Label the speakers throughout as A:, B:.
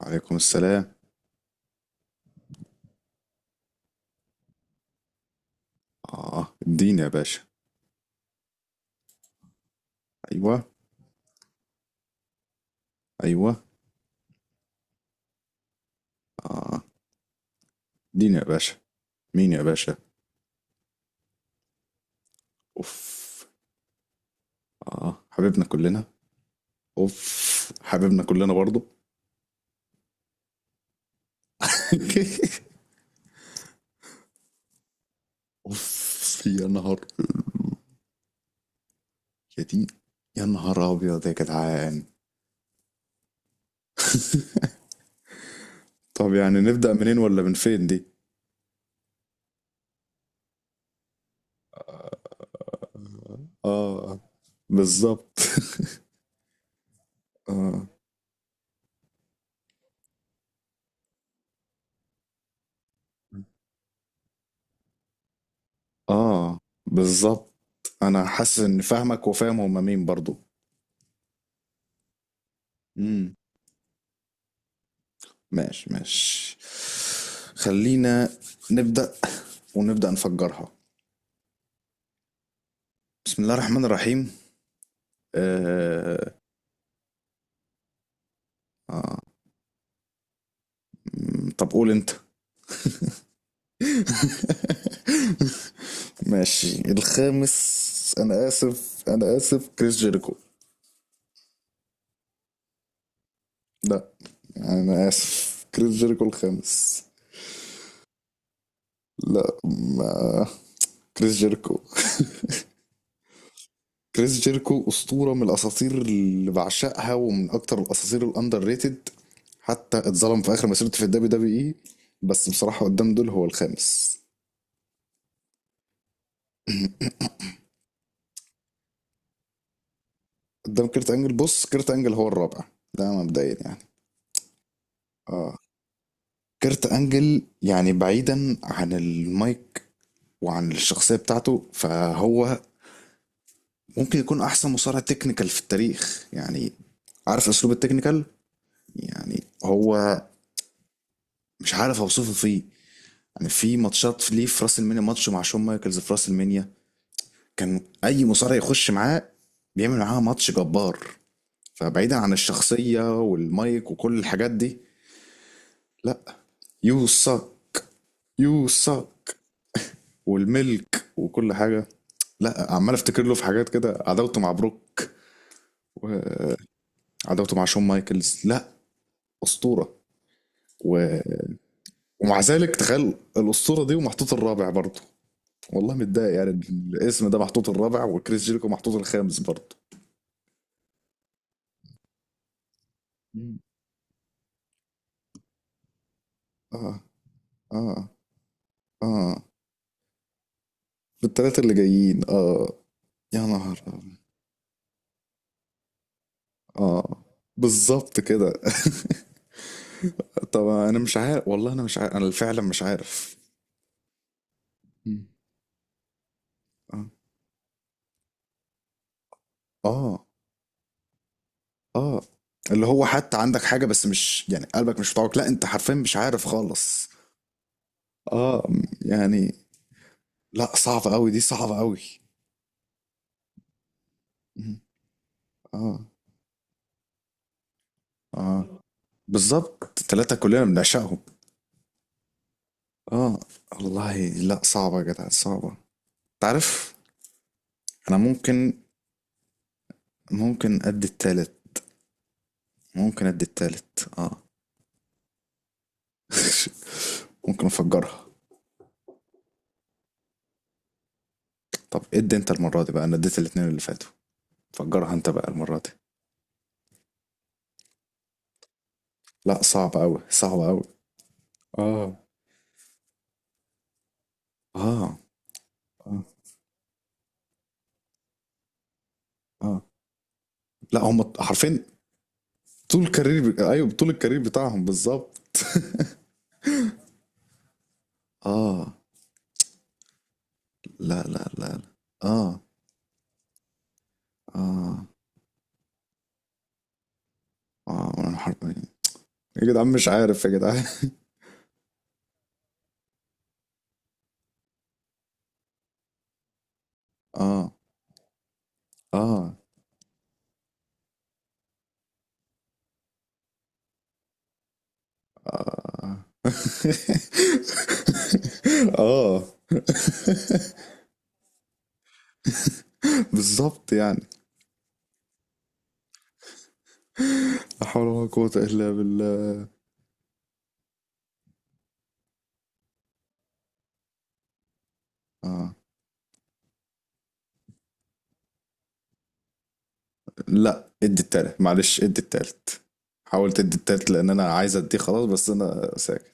A: عليكم السلام. آه، اديني يا باشا. أيوة، أيوة. آه، اديني يا باشا. مين يا باشا؟ أوف. آه، حبيبنا كلنا. أوف، حبيبنا كلنا برضو. أوف يا نهار. يا دي. يا نهار أبيض يا جدعان. طب يعني نبدأ منين ولا من فين دي؟ آه، بالظبط. آه، آه، بالظبط. أنا حاسس إني فاهمك وفاهم هما مين برضو. ماشي، ماشي. خلينا نبدأ ونبدأ نفجرها. بسم الله الرحمن الرحيم. آه... آه... طب قول انت. ماشي، الخامس. انا اسف كريس جيريكو. لا. انا اسف، كريس جيريكو الخامس. لا، ما كريس جيريكو. كريس جيركو أسطورة من الأساطير اللي بعشقها ومن أكتر الأساطير الأندر ريتد. حتى اتظلم في آخر مسيرته في الدبليو دبليو إي. بس بصراحة قدام دول هو الخامس. قدام كيرت أنجل، بص، كيرت أنجل هو الرابع. ده مبدئيا يعني. آه. كيرت أنجل يعني بعيدا عن المايك وعن الشخصية بتاعته فهو ممكن يكون أحسن مصارع تكنيكال في التاريخ يعني. عارف أسلوب التكنيكال، يعني هو مش عارف أوصفه فيه. يعني في ماتشات ليه، في راس المنيا ماتش مع شون مايكلز في راس المنيا. كان اي مصارع يخش معاه بيعمل معاه ماتش جبار. فبعيدا عن الشخصية والمايك وكل الحاجات دي. لا. يو ساك، يو ساك والملك وكل حاجة. لا عمال افتكر له في حاجات كده، عداوته مع بروك وعداوته مع شون مايكلز. لا، أسطورة. و... ومع ذلك تخيل الأسطورة دي ومحطوط الرابع برضه. والله متضايق، يعني الاسم ده محطوط الرابع وكريس جيريكو محطوط الخامس برضه. اه. اه. اه. بالتلاتة اللي جايين، اه. يا نهار أبيض. اه، بالظبط كده. طب انا مش عارف والله، انا مش عارف، انا فعلا مش عارف. مم. اه. اه. اه. اللي هو حتى عندك حاجة بس مش يعني قلبك، مش بتاعك، لا انت حرفيا مش عارف خالص. اه، يعني. لا، صعبة قوي دي، صعبة قوي. مم. اه. اه. بالظبط، التلاتة كلنا بنعشقهم. اه والله، لا صعبة يا جدع، صعبة. تعرف، انا ممكن ادي التالت. ممكن ادي التالت، اه. ممكن افجرها. طب إيه، ادي انت المرة دي بقى، انا اديت الاتنين اللي فاتوا. فجرها انت بقى المرة دي. لا، صعب اوي، صعب اوي. اه. اه. اه. اه. لا، هم حرفيا طول الكارير، ايوه طول الكارير بتاعهم بالظبط. اه. لا، لا، لا، لا. اه. اه. اه. انا حرفيا. يا جدعان مش عارف يا جدعان. اه. اه. آه. آه، بالظبط يعني. لا حول ولا قوة إلا بالله. آه. لا ادي التالت، معلش ادي التالت. حاولت ادي التالت لأن أنا عايز اديه خلاص، بس أنا ساكت.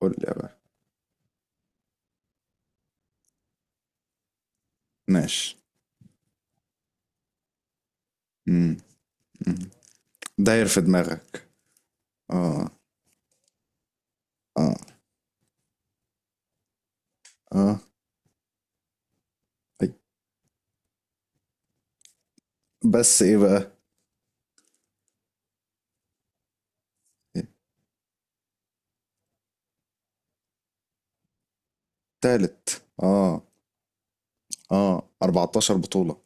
A: قول لي يا بقى. ماشي. مم. مم. داير في دماغك. آه. آه. آه. أي. بس إيه بقى؟ تالت، آه. آه، 14 بطولة.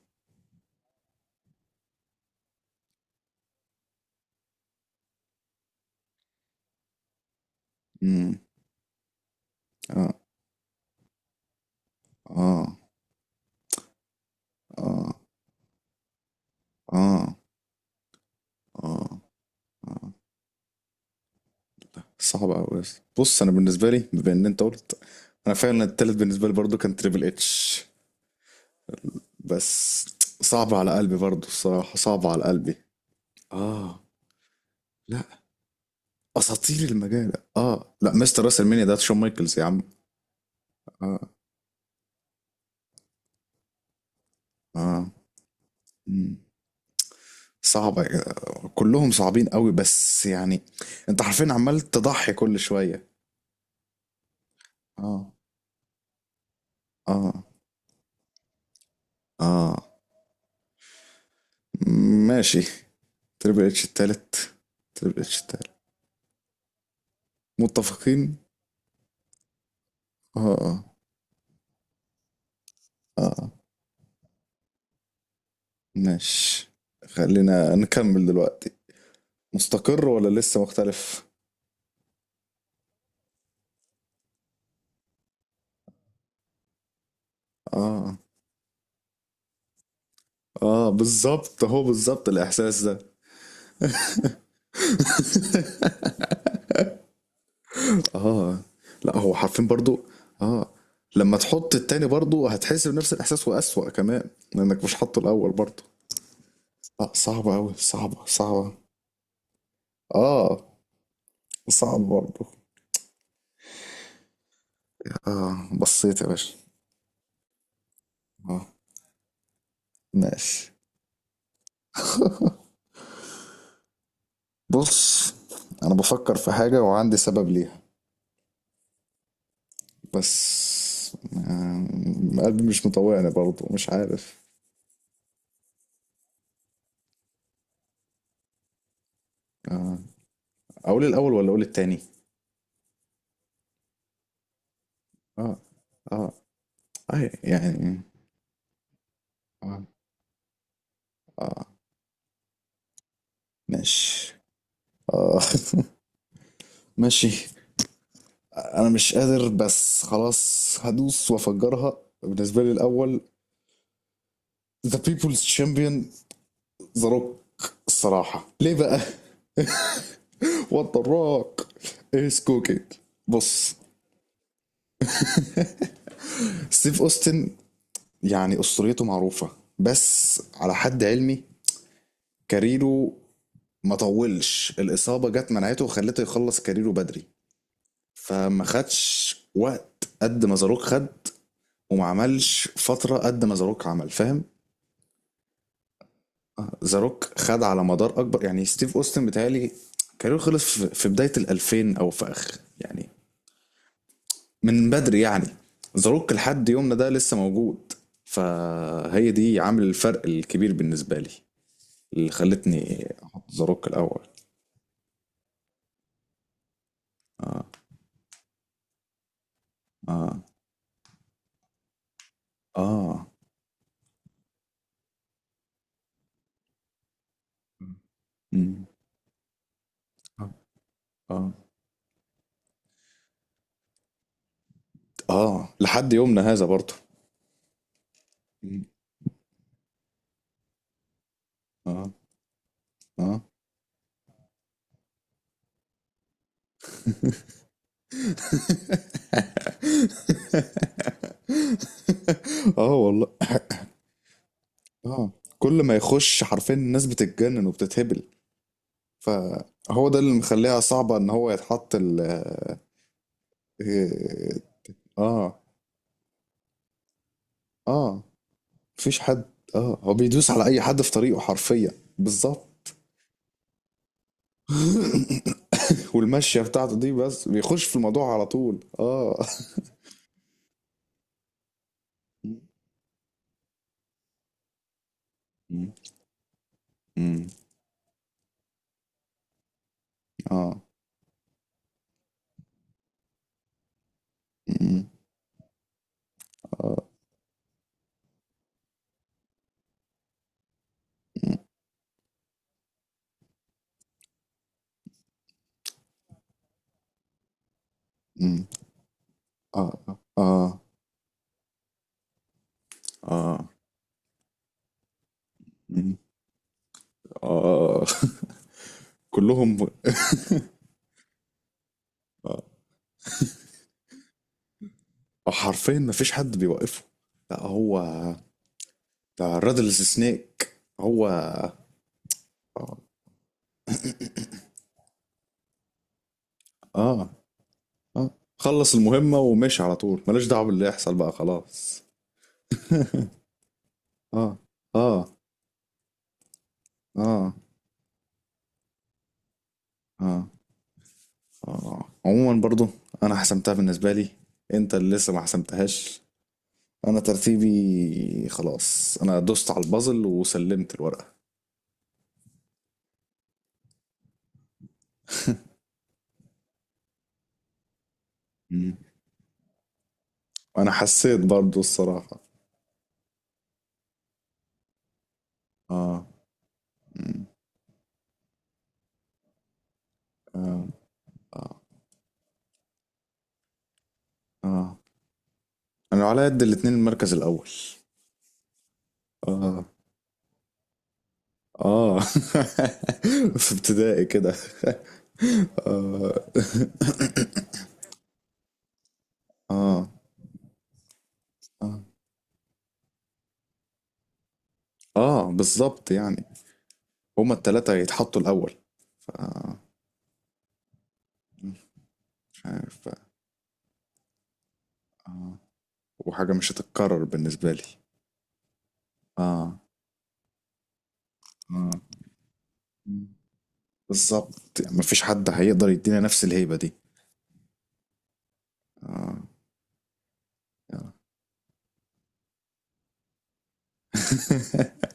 A: مم. آه. آه. آه. آه. اه. اه، صعب قوي. بص، انا بالنسبه لي بما ان انت قلت، انا فعلا التالت بالنسبه لي برضو كان تريبل اتش. بس صعب على قلبي برضو الصراحه، صعب على قلبي. اه. لا، اساطير المجال. اه لا، مستر راس المانيا ده شون مايكلز يا عم. اه. اه. مم. صعبه يا جدع. كلهم صعبين قوي بس يعني، انت حرفيا عمال تضحي كل شويه. اه. اه. اه. ماشي. تريبل اتش التالت، تريبل اتش التالت، متفقين. اه. اه. اه. ماشي، خلينا نكمل دلوقتي. مستقر ولا لسه مختلف؟ اه. اه بالظبط، هو بالظبط الاحساس ده. اه، لا هو حرفين برضو. اه، لما تحط التاني برضو هتحس بنفس الاحساس واسوأ كمان لانك مش حاطه الاول برضو. لا، صعبة اوي، صعبة، صعبة. اه، صعب برضو. اه، بصيت يا باشا. اه، ماشي. بص، انا بفكر في حاجة وعندي سبب ليها. بس قلبي مش مطوعني برضه، مش عارف. آه، اقول الاول ولا اقول التاني؟ اه. اه. اه يعني. اه. اه. ماشي. اه. ماشي. انا مش قادر، بس خلاص هدوس وافجرها. بالنسبه لي الاول ذا بيبلز تشامبيون، ذا روك. الصراحه ليه بقى؟ وات ذا روك از كوكينج. بص، ستيف اوستن يعني اسطوريته معروفه، بس على حد علمي كاريره ما طولش. الإصابة جت منعته وخلته يخلص كاريره بدري. فما خدش وقت قد ما زاروك خد، وما عملش فترة قد ما زاروك عمل، فاهم؟ زاروك خد على مدار أكبر. يعني ستيف أوستن بيتهيألي كاريره خلص في بداية الألفين أو في آخر يعني، من بدري يعني. زاروك لحد يومنا ده لسه موجود. فهي دي عامل الفرق الكبير بالنسبة لي، اللي خلتني أحط زاروك الأول. آه. آه. مم. آه. آه. آه، لحد يومنا هذا برضه. مم. آه. آه. آه والله. آه. كل ما يخش حرفيا الناس بتتجنن وبتتهبل. فهو ده اللي مخليها صعبة إن هو يتحط ال... آه. آه. آه، مفيش حد. آه، هو بيدوس على أي حد في طريقه حرفيا. بالظبط. والمشية بتاعته دي بس بيخش في الموضوع على طول مم. مم. آه. آه. أمم. آه. آه. آه. أمم. آه. كلهم. آه. حرفيا ما فيش حد بيوقفه. لا هو، ده رادلز سنيك. هو. آه. اه. اه، خلص المهمة ومشي على طول، ماليش دعوة باللي يحصل بقى خلاص. اه. اه. اه. اه. اه، عموما برضو انا حسمتها بالنسبة لي، انت اللي لسه ما حسمتهاش. انا ترتيبي خلاص، انا دوست على البازل وسلمت الورقة. انا حسيت برضو الصراحة. اه. مم. اه. اه. اه، انا على قد الاتنين المركز الاول. اه. اه. في ابتدائي كده. اه. اه. اه. اه، بالظبط يعني هما التلاتة يتحطوا الاول. ف... مش عارف بقى. اه. وحاجة مش هتتكرر بالنسبة لي. اه. اه. مم. بالظبط يعني مفيش حد هيقدر يدينا نفس الهيبة دي. اه. آه.